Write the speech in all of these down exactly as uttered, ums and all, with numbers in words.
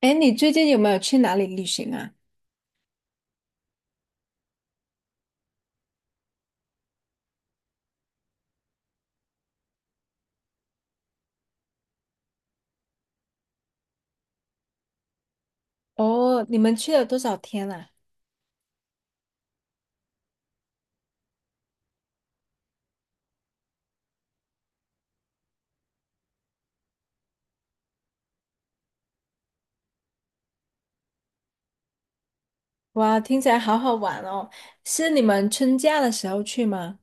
哎，你最近有没有去哪里旅行啊？哦，你们去了多少天啊？哇，听起来好好玩哦！是你们春假的时候去吗？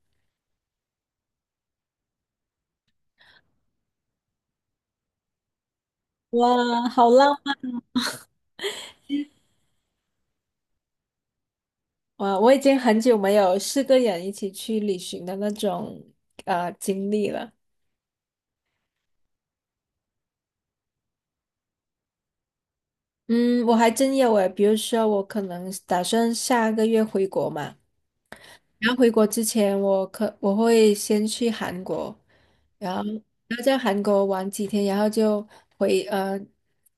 哇，好浪漫！哇，我已经很久没有四个人一起去旅行的那种呃经历了。嗯，我还真有诶，比如说我可能打算下个月回国嘛，然后回国之前，我可我会先去韩国，然后然后在韩国玩几天，然后就回呃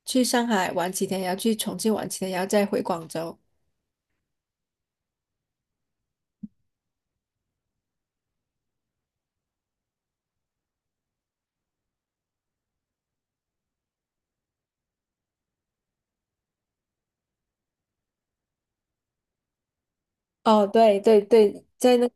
去上海玩几天，然后去重庆玩几天，然后再回广州。哦，对对对，在那个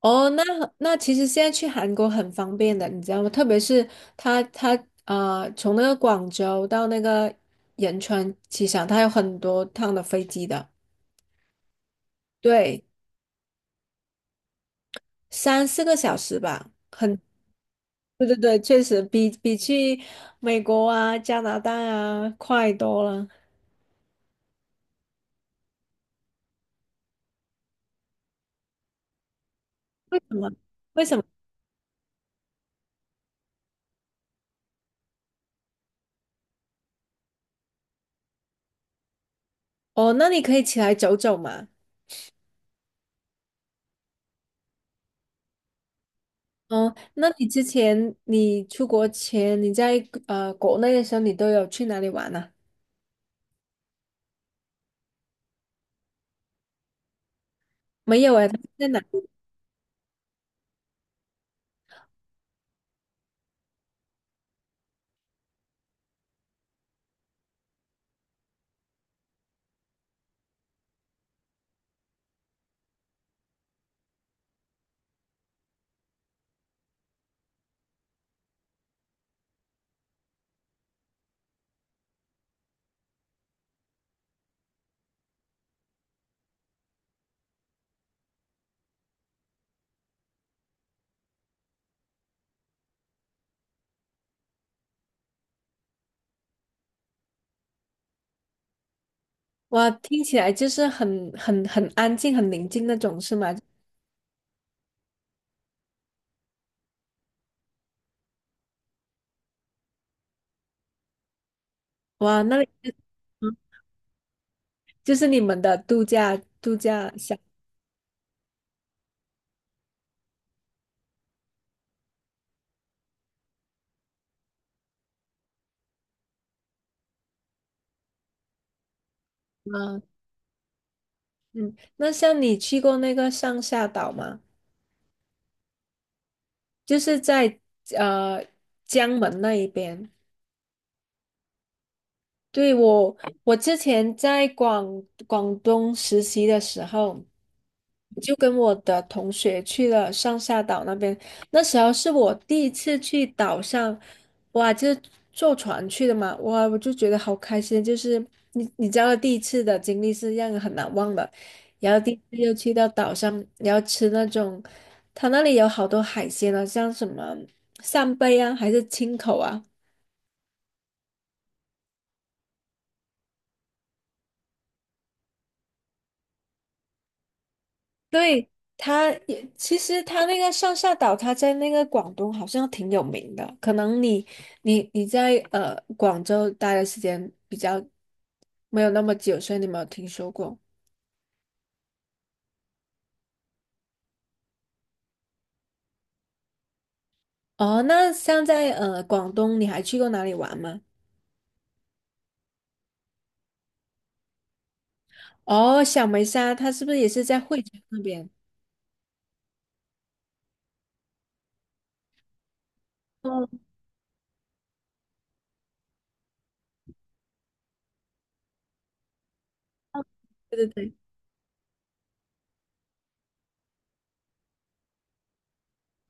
哦。那那其实现在去韩国很方便的，你知道吗？特别是他他啊，从那个广州到那个仁川机场，他有很多趟的飞机的。对，三四个小时吧。很。对对对，确实比比去美国啊、加拿大啊快多了。为什么？为什么？哦，那你可以起来走走嘛。哦，那你之前你出国前你在呃国内的时候，你都有去哪里玩呢、没有哎，他在哪？哇，听起来就是很很很安静、很宁静那种，是吗？哇，那里就嗯就是你们的度假度假小啊。嗯，那像你去过那个上下岛吗？就是在呃江门那一边。对，我，我之前在广广东实习的时候，就跟我的同学去了上下岛那边。那时候是我第一次去岛上，哇，就是坐船去的嘛，哇，我就觉得好开心。就是你你知道，第一次的经历是让人很难忘的。然后第一次又去到岛上，然后吃那种，他那里有好多海鲜啊，像什么扇贝啊，还是青口啊。对，他也其实他那个上下岛，他在那个广东好像挺有名的。可能你你你在呃广州待的时间比较没有那么久，所以你没有听说过。哦，那像在呃广东，你还去过哪里玩吗？哦，小梅沙，它是不是也是在惠州那边？嗯，对对对。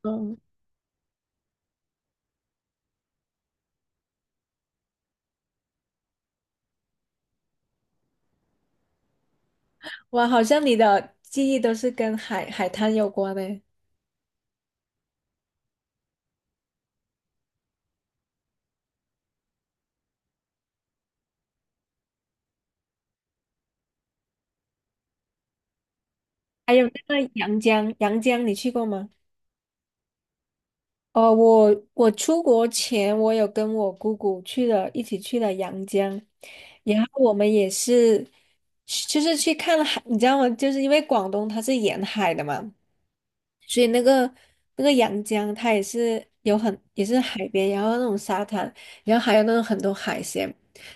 嗯，哇，好像你的记忆都是跟海海滩有关呢。还有那个阳江，阳江你去过吗？哦，我我出国前，我有跟我姑姑去了，一起去了阳江，然后我们也是，就是去看海，你知道吗？就是因为广东它是沿海的嘛，所以那个那个阳江它也是有很也是海边，然后那种沙滩，然后还有那种很多海鲜。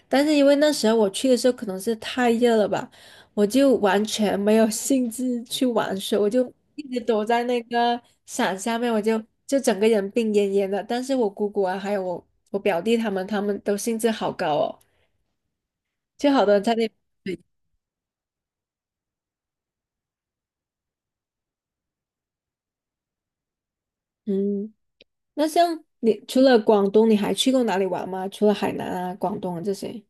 但是因为那时候我去的时候可能是太热了吧，我就完全没有兴致去玩水，我就一直躲在那个伞下面，我就就整个人病恹恹的。但是我姑姑啊，还有我我表弟他们，他们都兴致好高哦，就好多人在那。嗯，那像你除了广东，你还去过哪里玩吗？除了海南啊、广东啊这些？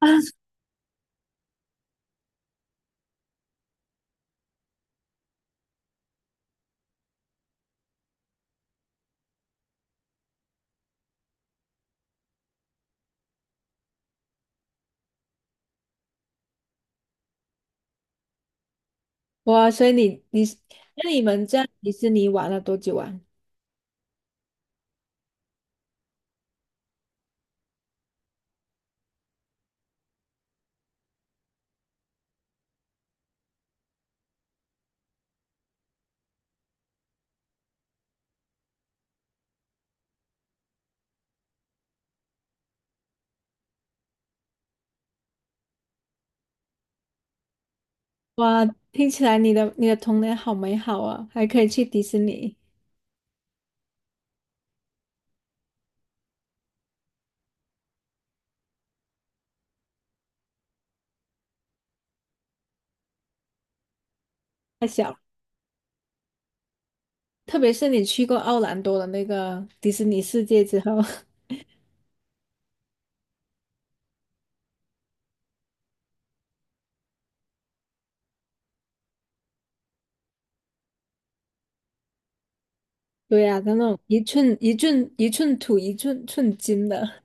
啊？哇，所以你你那你们在迪士尼玩了多久啊？哇，听起来你的你的童年好美好啊，还可以去迪士尼。太小了。特别是你去过奥兰多的那个迪士尼世界之后，对呀、那种一寸一寸一寸土一寸寸金的。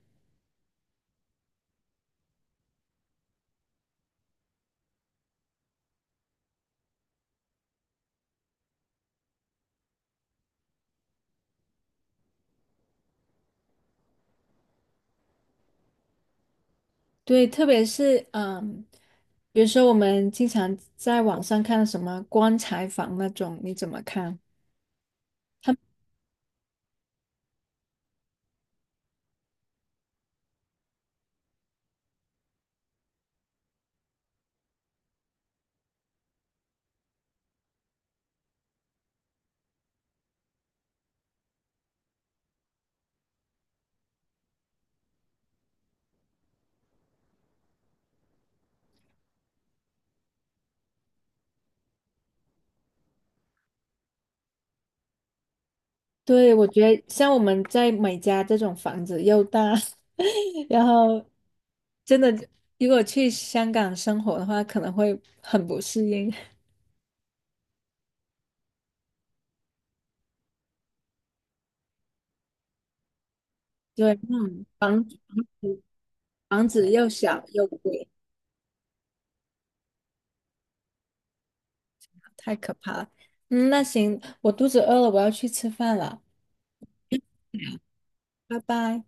对，特别是嗯，比如说我们经常在网上看什么棺材房那种，你怎么看？对，我觉得像我们在美加这种房子又大，然后真的如果去香港生活的话，可能会很不适应。对，嗯，房房子又小又贵。太可怕了。嗯，那行，我肚子饿了，我要去吃饭了，拜拜。